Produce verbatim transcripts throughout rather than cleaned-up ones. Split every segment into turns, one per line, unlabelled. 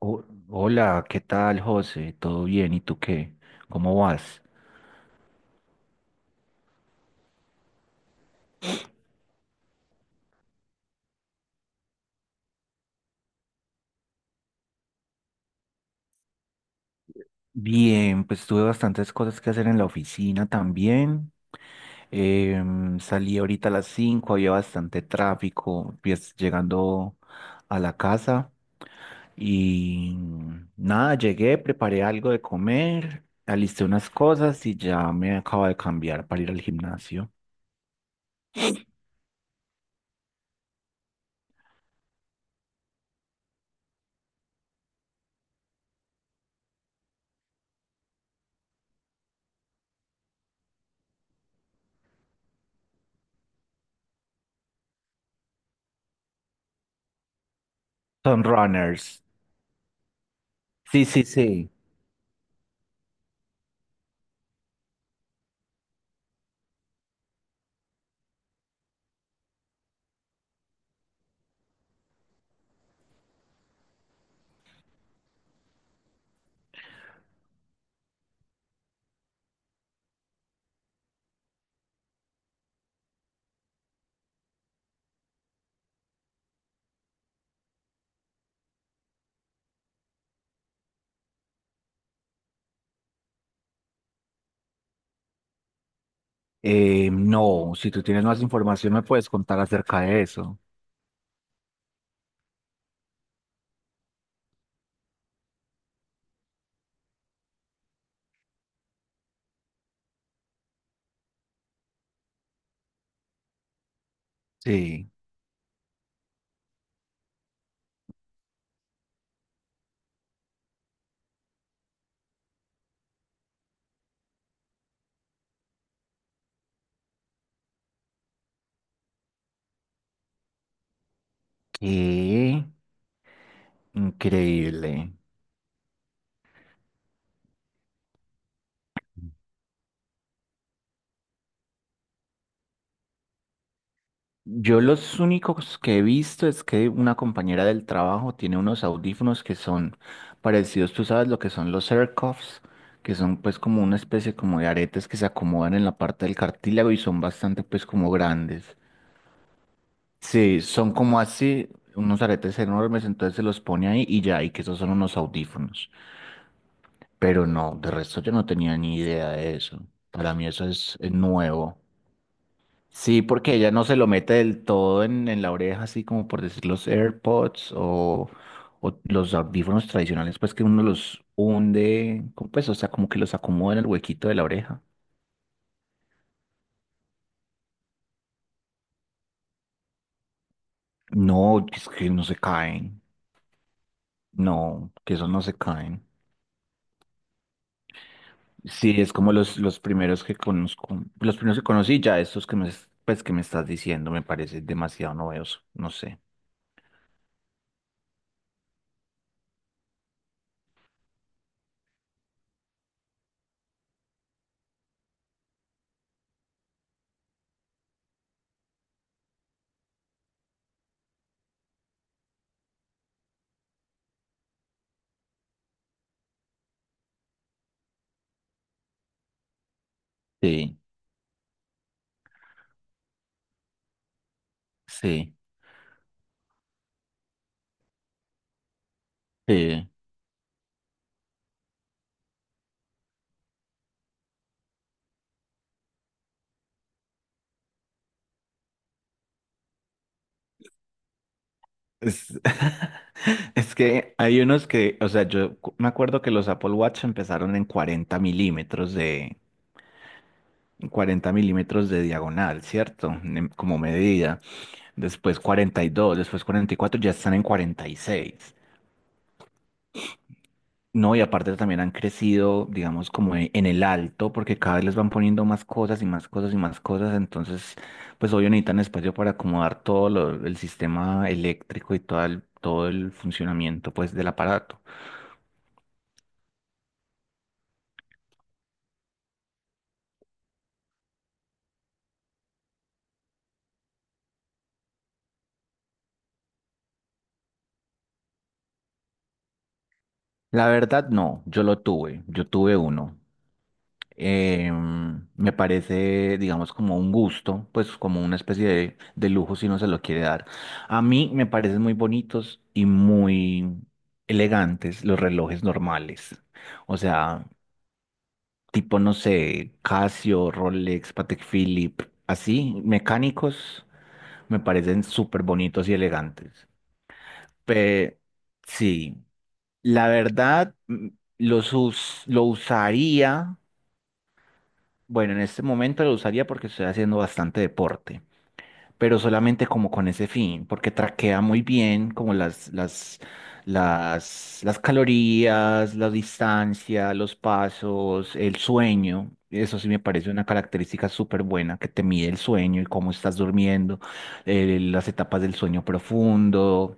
Ho- hola, ¿qué tal, José? ¿Todo bien? ¿Y tú qué? ¿Cómo vas? Bien, pues tuve bastantes cosas que hacer en la oficina también. Em, salí ahorita a las cinco, había bastante tráfico, pues, llegando a la casa y nada, llegué, preparé algo de comer, alisté unas cosas y ya me acabo de cambiar para ir al gimnasio. Son runners. Sí, sí, sí. Eh, no, si tú tienes más información me puedes contar acerca de eso. Sí. Qué increíble. Yo los únicos que he visto es que una compañera del trabajo tiene unos audífonos que son parecidos, tú sabes lo que son los AirCuffs, que son pues como una especie como de aretes que se acomodan en la parte del cartílago y son bastante pues como grandes. Sí, son como así, unos aretes enormes, entonces se los pone ahí y ya, y que esos son unos audífonos. Pero no, de resto yo no tenía ni idea de eso. Para mí eso es es nuevo. Sí, porque ella no se lo mete del todo en, en la oreja, así como por decir los AirPods o, o los audífonos tradicionales, pues que uno los hunde, como pues, o sea, como que los acomoda en el huequito de la oreja. No, es que no se caen. No, que esos no se caen. Sí, es como los, los primeros que conozco, los primeros que conocí, ya estos que me, pues, que me estás diciendo, me parece demasiado novedoso, no sé. Sí, sí, sí. Es, es que hay unos que, o sea, yo cu- me acuerdo que los Apple Watch empezaron en cuarenta milímetros de, cuarenta milímetros de diagonal, ¿cierto? En- Como medida. Después cuarenta y dos, después cuarenta y cuatro, ya están en cuarenta y seis. No, y aparte también han crecido, digamos, como e- en el alto, porque cada vez les van poniendo más cosas y más cosas y más cosas. Entonces, pues obvio necesitan espacio para acomodar todo lo- el sistema eléctrico y todo el, todo el funcionamiento, pues, del aparato. La verdad, no, yo lo tuve, yo tuve uno. Em, me parece, digamos, como un gusto, pues como una especie de, de lujo si no se lo quiere dar. A mí me parecen muy bonitos y muy elegantes los relojes normales. O sea, tipo, no sé, Casio, Rolex, Patek Philippe, así, mecánicos, me parecen súper bonitos y elegantes. Pe- sí. La verdad, mm, los us- lo usaría, bueno, en este momento lo usaría porque estoy haciendo bastante deporte, pero solamente como con ese fin, porque traquea muy bien como las, las, las, las calorías, la distancia, los pasos, el sueño. Eso sí me parece una característica súper buena, que te mide el sueño y cómo estás durmiendo, eh, las etapas del sueño profundo,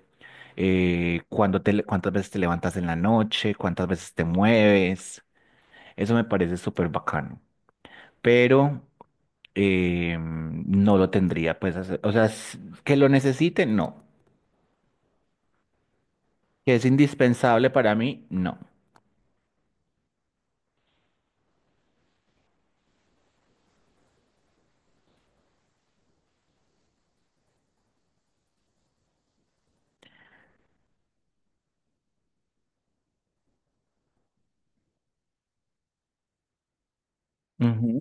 eh, cuándo te, le- cuántas veces te levantas en la noche, cuántas veces te mueves. Eso me parece súper bacano. Pero eh, no lo tendría, pues, hace- o sea, s- que lo necesite, no. Que es indispensable para mí, no. Ujú.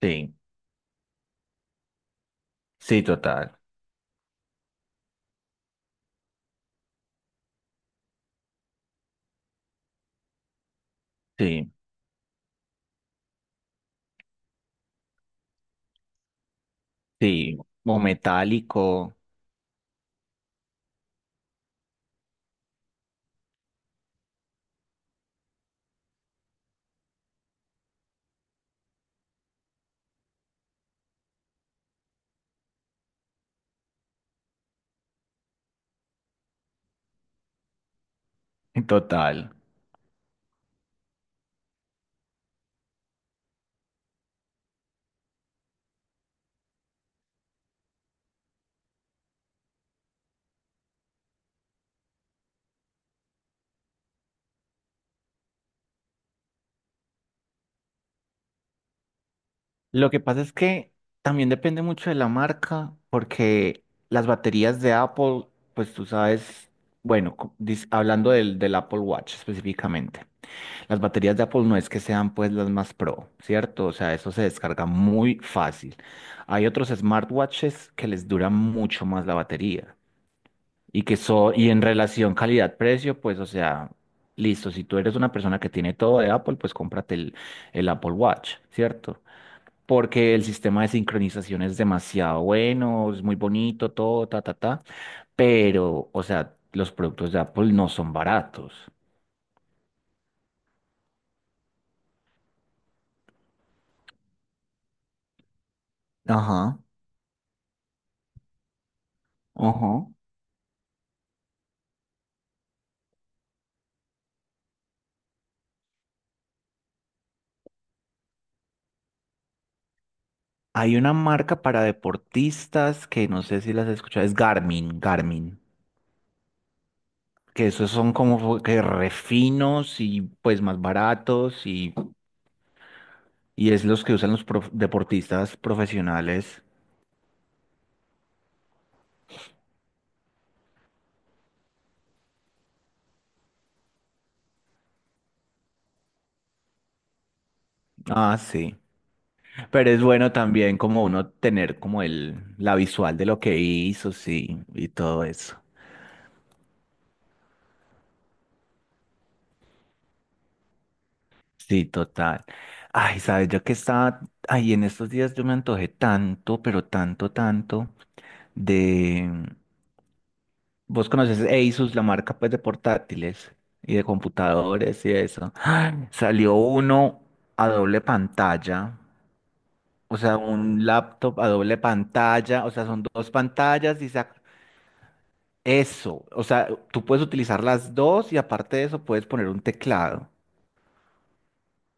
Sí, sí, total. Sí, sí, o metálico, total. Lo que pasa es que también depende mucho de la marca, porque las baterías de Apple, pues tú sabes, bueno, co- dis- hablando del, del Apple Watch específicamente. Las baterías de Apple no es que sean pues las más pro, ¿cierto? O sea, eso se descarga muy fácil. Hay otros smartwatches que les dura mucho más la batería y que son, y en relación calidad-precio, pues, o sea, listo, si tú eres una persona que tiene todo de Apple, pues cómprate el, el Apple Watch, ¿cierto? Porque el sistema de sincronización es demasiado bueno, es muy bonito, todo, ta, ta, ta, pero, o sea, los productos de Apple no son baratos. Ajá, ajá. Hay una marca para deportistas que no sé si las has escuchado, es Garmin, Garmin, que esos son como que refinos y pues más baratos y, y es los que usan los prof- deportistas profesionales. Ah, sí. Pero es bueno también como uno tener como el, la visual de lo que hizo, sí, y todo eso. Sí, total. Ay, sabes, yo que estaba, ay, en estos días yo me antojé tanto, pero tanto, tanto. Vos conoces Asus, la marca pues de portátiles y de computadores y eso. ¡Ay! Salió uno a doble pantalla, o sea, un laptop a doble pantalla, o sea, son dos pantallas y sac- eso, o sea, tú puedes utilizar las dos y aparte de eso puedes poner un teclado.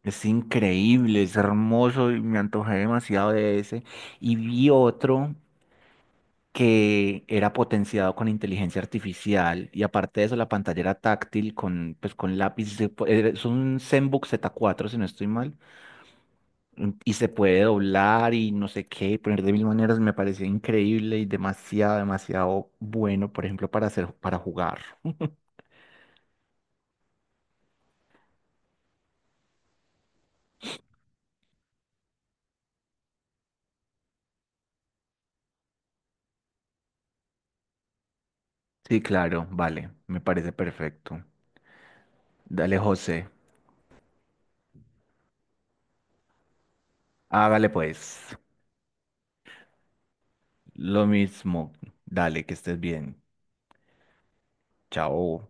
Es increíble, es hermoso y me antojé demasiado de ese. Y vi otro que era potenciado con inteligencia artificial y aparte de eso la pantalla era táctil con, pues, con lápiz, se po- era- es un ZenBook Z cuatro si no estoy mal. Mm, y se puede doblar y no sé qué, poner de mil maneras, me parecía increíble y demasiado, demasiado bueno, por ejemplo, para hacer, para jugar. Sí, claro, vale, me parece perfecto. Dale, José, hágale pues, lo mismo, dale, que estés bien, chao.